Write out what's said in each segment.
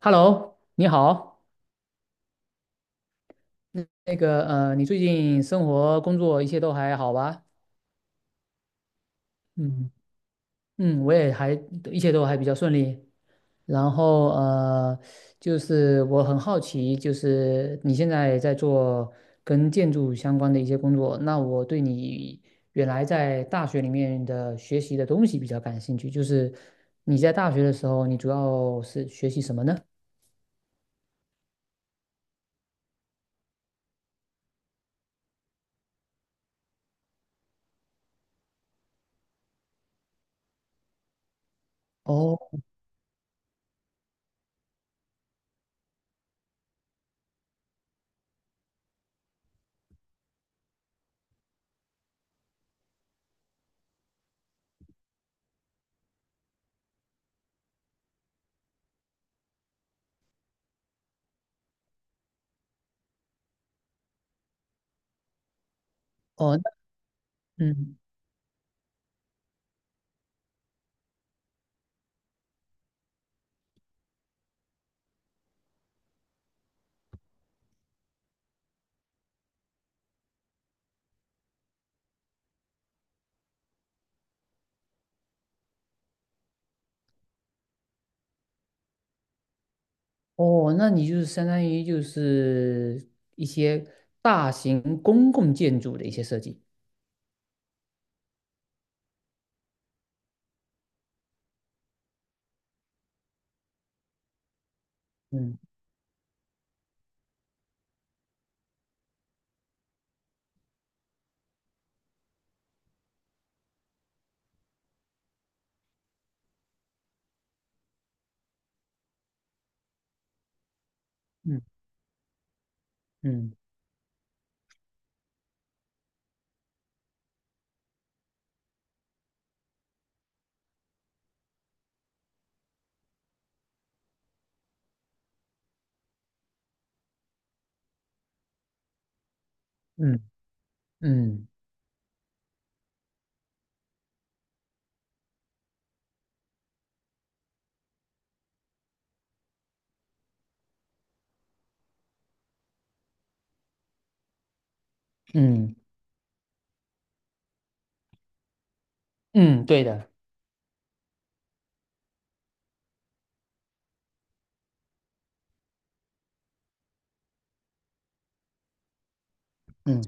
Hello，你好。那个，你最近生活、工作一切都还好吧？嗯嗯，我也还一切都还比较顺利。然后就是我很好奇，就是你现在在做跟建筑相关的一些工作，那我对你原来在大学里面的学习的东西比较感兴趣。就是你在大学的时候，你主要是学习什么呢？哦哦，那嗯。哦，那你就是相当于就是一些大型公共建筑的一些设计。嗯嗯嗯嗯嗯嗯嗯，对的。嗯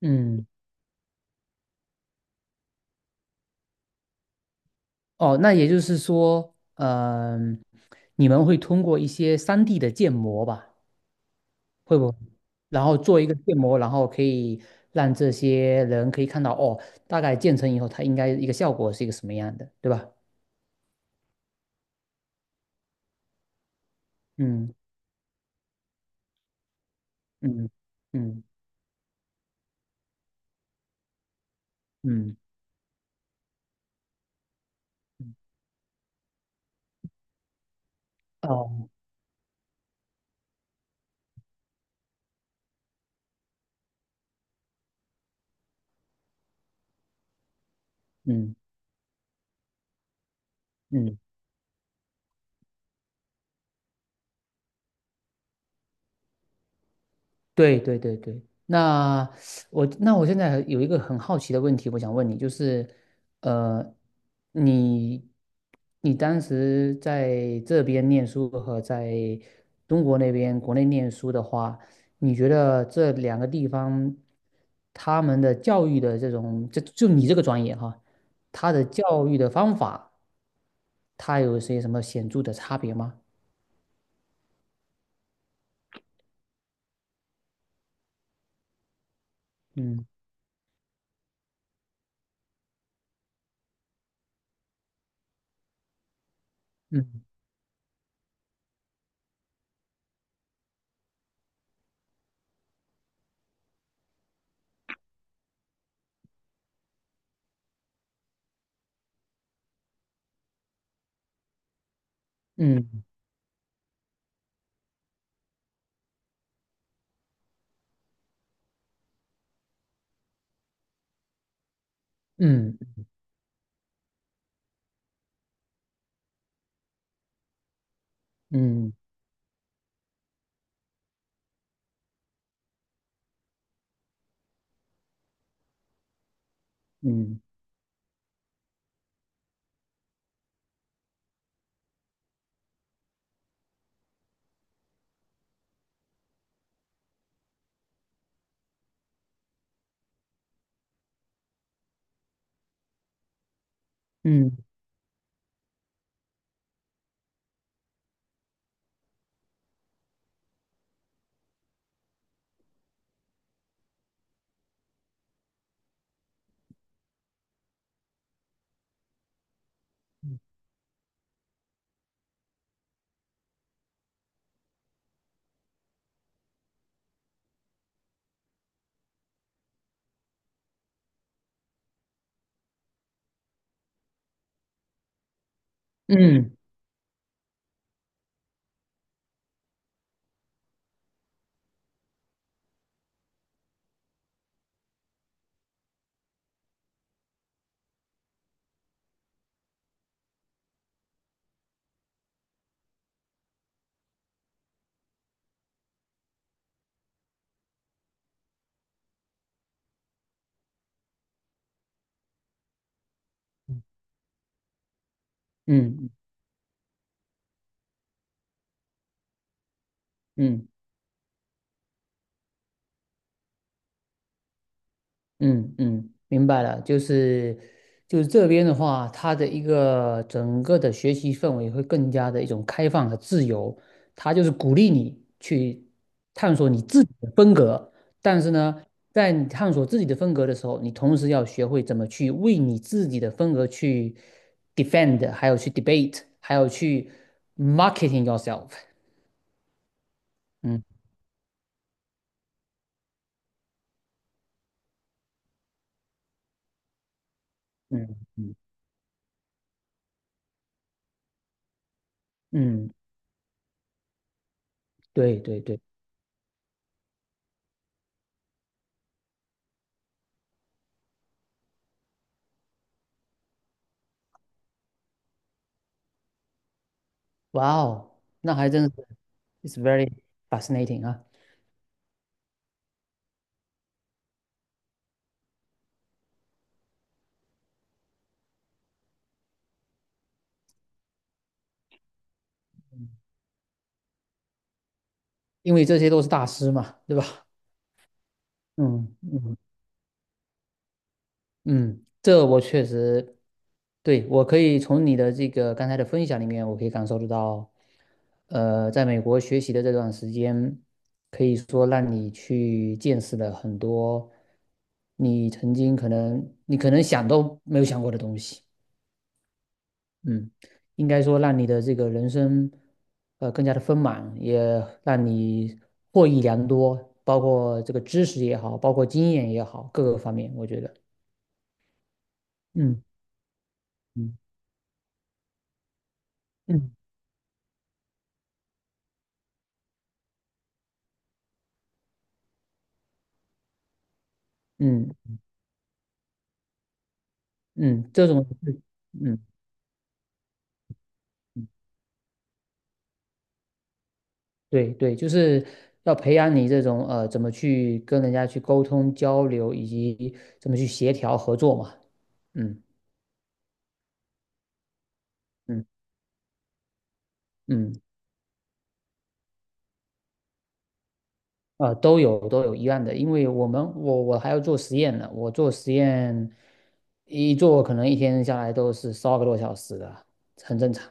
嗯，哦，那也就是说，你们会通过一些3D 的建模吧？会不会？然后做一个建模，然后可以让这些人可以看到，哦，大概建成以后，它应该一个效果是一个什么样的，对吧？嗯嗯嗯嗯，哦，嗯。嗯，对对对对，那那我现在有一个很好奇的问题，我想问你，就是，呃，你你当时在这边念书和在中国那边国内念书的话，你觉得这两个地方他们的教育的这种，就你这个专业哈，他的教育的方法，他有些什么显著的差别吗？嗯嗯嗯嗯嗯嗯嗯。嗯嗯嗯嗯嗯嗯，明白了，就是这边的话，它的一个整个的学习氛围会更加的一种开放和自由，它就是鼓励你去探索你自己的风格，但是呢，在你探索自己的风格的时候，你同时要学会怎么去为你自己的风格去 defend，还有去 debate，还有去 marketing yourself。嗯嗯嗯嗯，对对对。哇哦，那还真是，it's very fascinating 啊，因为这些都是大师嘛，对吧？嗯嗯嗯，这我确实，对，我可以从你的这个刚才的分享里面，我可以感受得到，在美国学习的这段时间，可以说让你去见识了很多你曾经可能你可能想都没有想过的东西。嗯，应该说让你的这个人生，更加的丰满，也让你获益良多，包括这个知识也好，包括经验也好，各个方面，我觉得，嗯嗯嗯嗯嗯，这种是，嗯嗯，对对，就是要培养你这种怎么去跟人家去沟通交流，以及怎么去协调合作嘛，嗯嗯嗯。都有一样的，因为我们我我还要做实验呢，我做实验一做可能一天下来都是12个多小时的，很正常。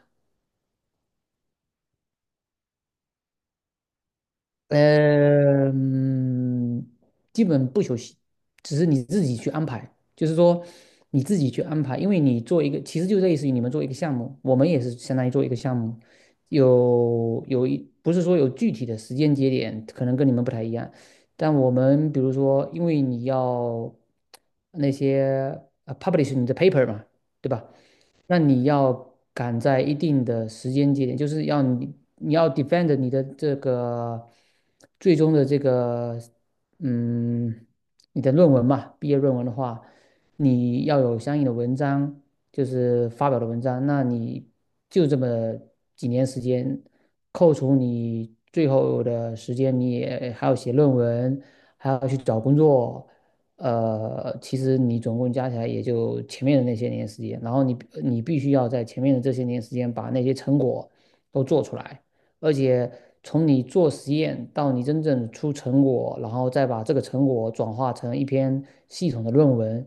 呃，嗯基本不休息，只是你自己去安排，就是说你自己去安排，因为你做一个，其实就类似于你们做一个项目，我们也是相当于做一个项目，有有一不是说有具体的时间节点，可能跟你们不太一样，但我们比如说，因为你要那些publish 你的 paper 嘛，对吧？那你要赶在一定的时间节点，就是要你要 defend 你的这个最终的这个嗯你的论文嘛，毕业论文的话，你要有相应的文章，就是发表的文章，那你就这么几年时间，扣除你最后的时间，你也还要写论文，还要去找工作。其实你总共加起来也就前面的那些年时间，然后你必须要在前面的这些年时间把那些成果都做出来，而且从你做实验到你真正出成果，然后再把这个成果转化成一篇系统的论文，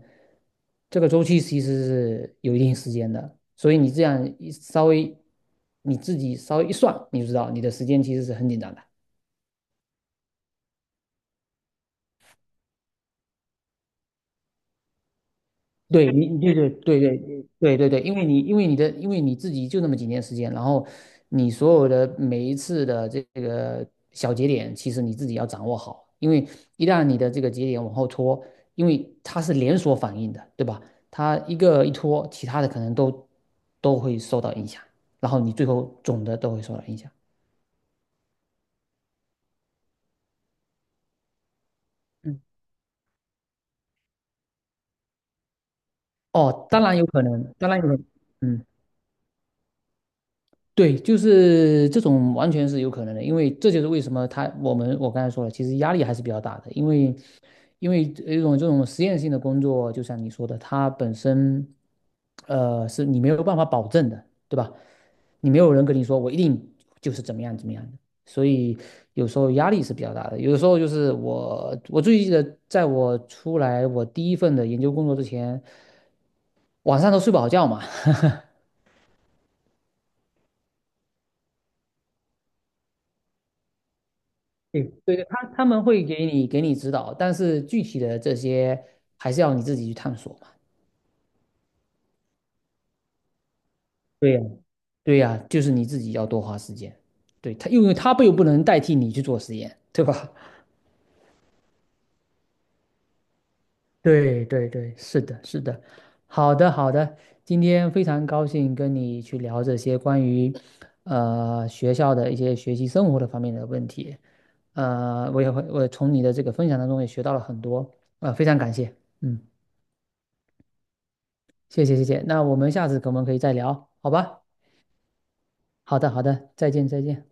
这个周期其实是有一定时间的，所以你这样一稍微你自己稍微一算，你就知道你的时间其实是很紧张的。对你，对对对对对对对，因为你自己就那么几年时间，然后你所有的每一次的这个小节点，其实你自己要掌握好，因为一旦你的这个节点往后拖，因为它是连锁反应的，对吧？它一个一拖，其他的可能都会受到影响，然后你最后总的都会受到影响。嗯，哦，当然有可能，当然有可能，嗯。对，就是这种完全是有可能的，因为这就是为什么他我们我刚才说了，其实压力还是比较大的，因为一种这种实验性的工作，就像你说的，它本身是你没有办法保证的，对吧？你没有人跟你说我一定就是怎么样怎么样的，所以有时候压力是比较大的。有的时候就是我最记得，在我出来我第一份的研究工作之前，晚上都睡不好觉嘛。对对，他们会给你指导，但是具体的这些还是要你自己去探索嘛。对呀，对呀，就是你自己要多花时间。对他，因为他又不能代替你去做实验，对吧？对对对，是的，是的。好的，好的。今天非常高兴跟你去聊这些关于学校的一些学习生活的方面的问题。呃，我也会我从你的这个分享当中也学到了很多，非常感谢。嗯。谢谢谢谢，那我们下次可不可以再聊？好吧，好的好的，再见再见。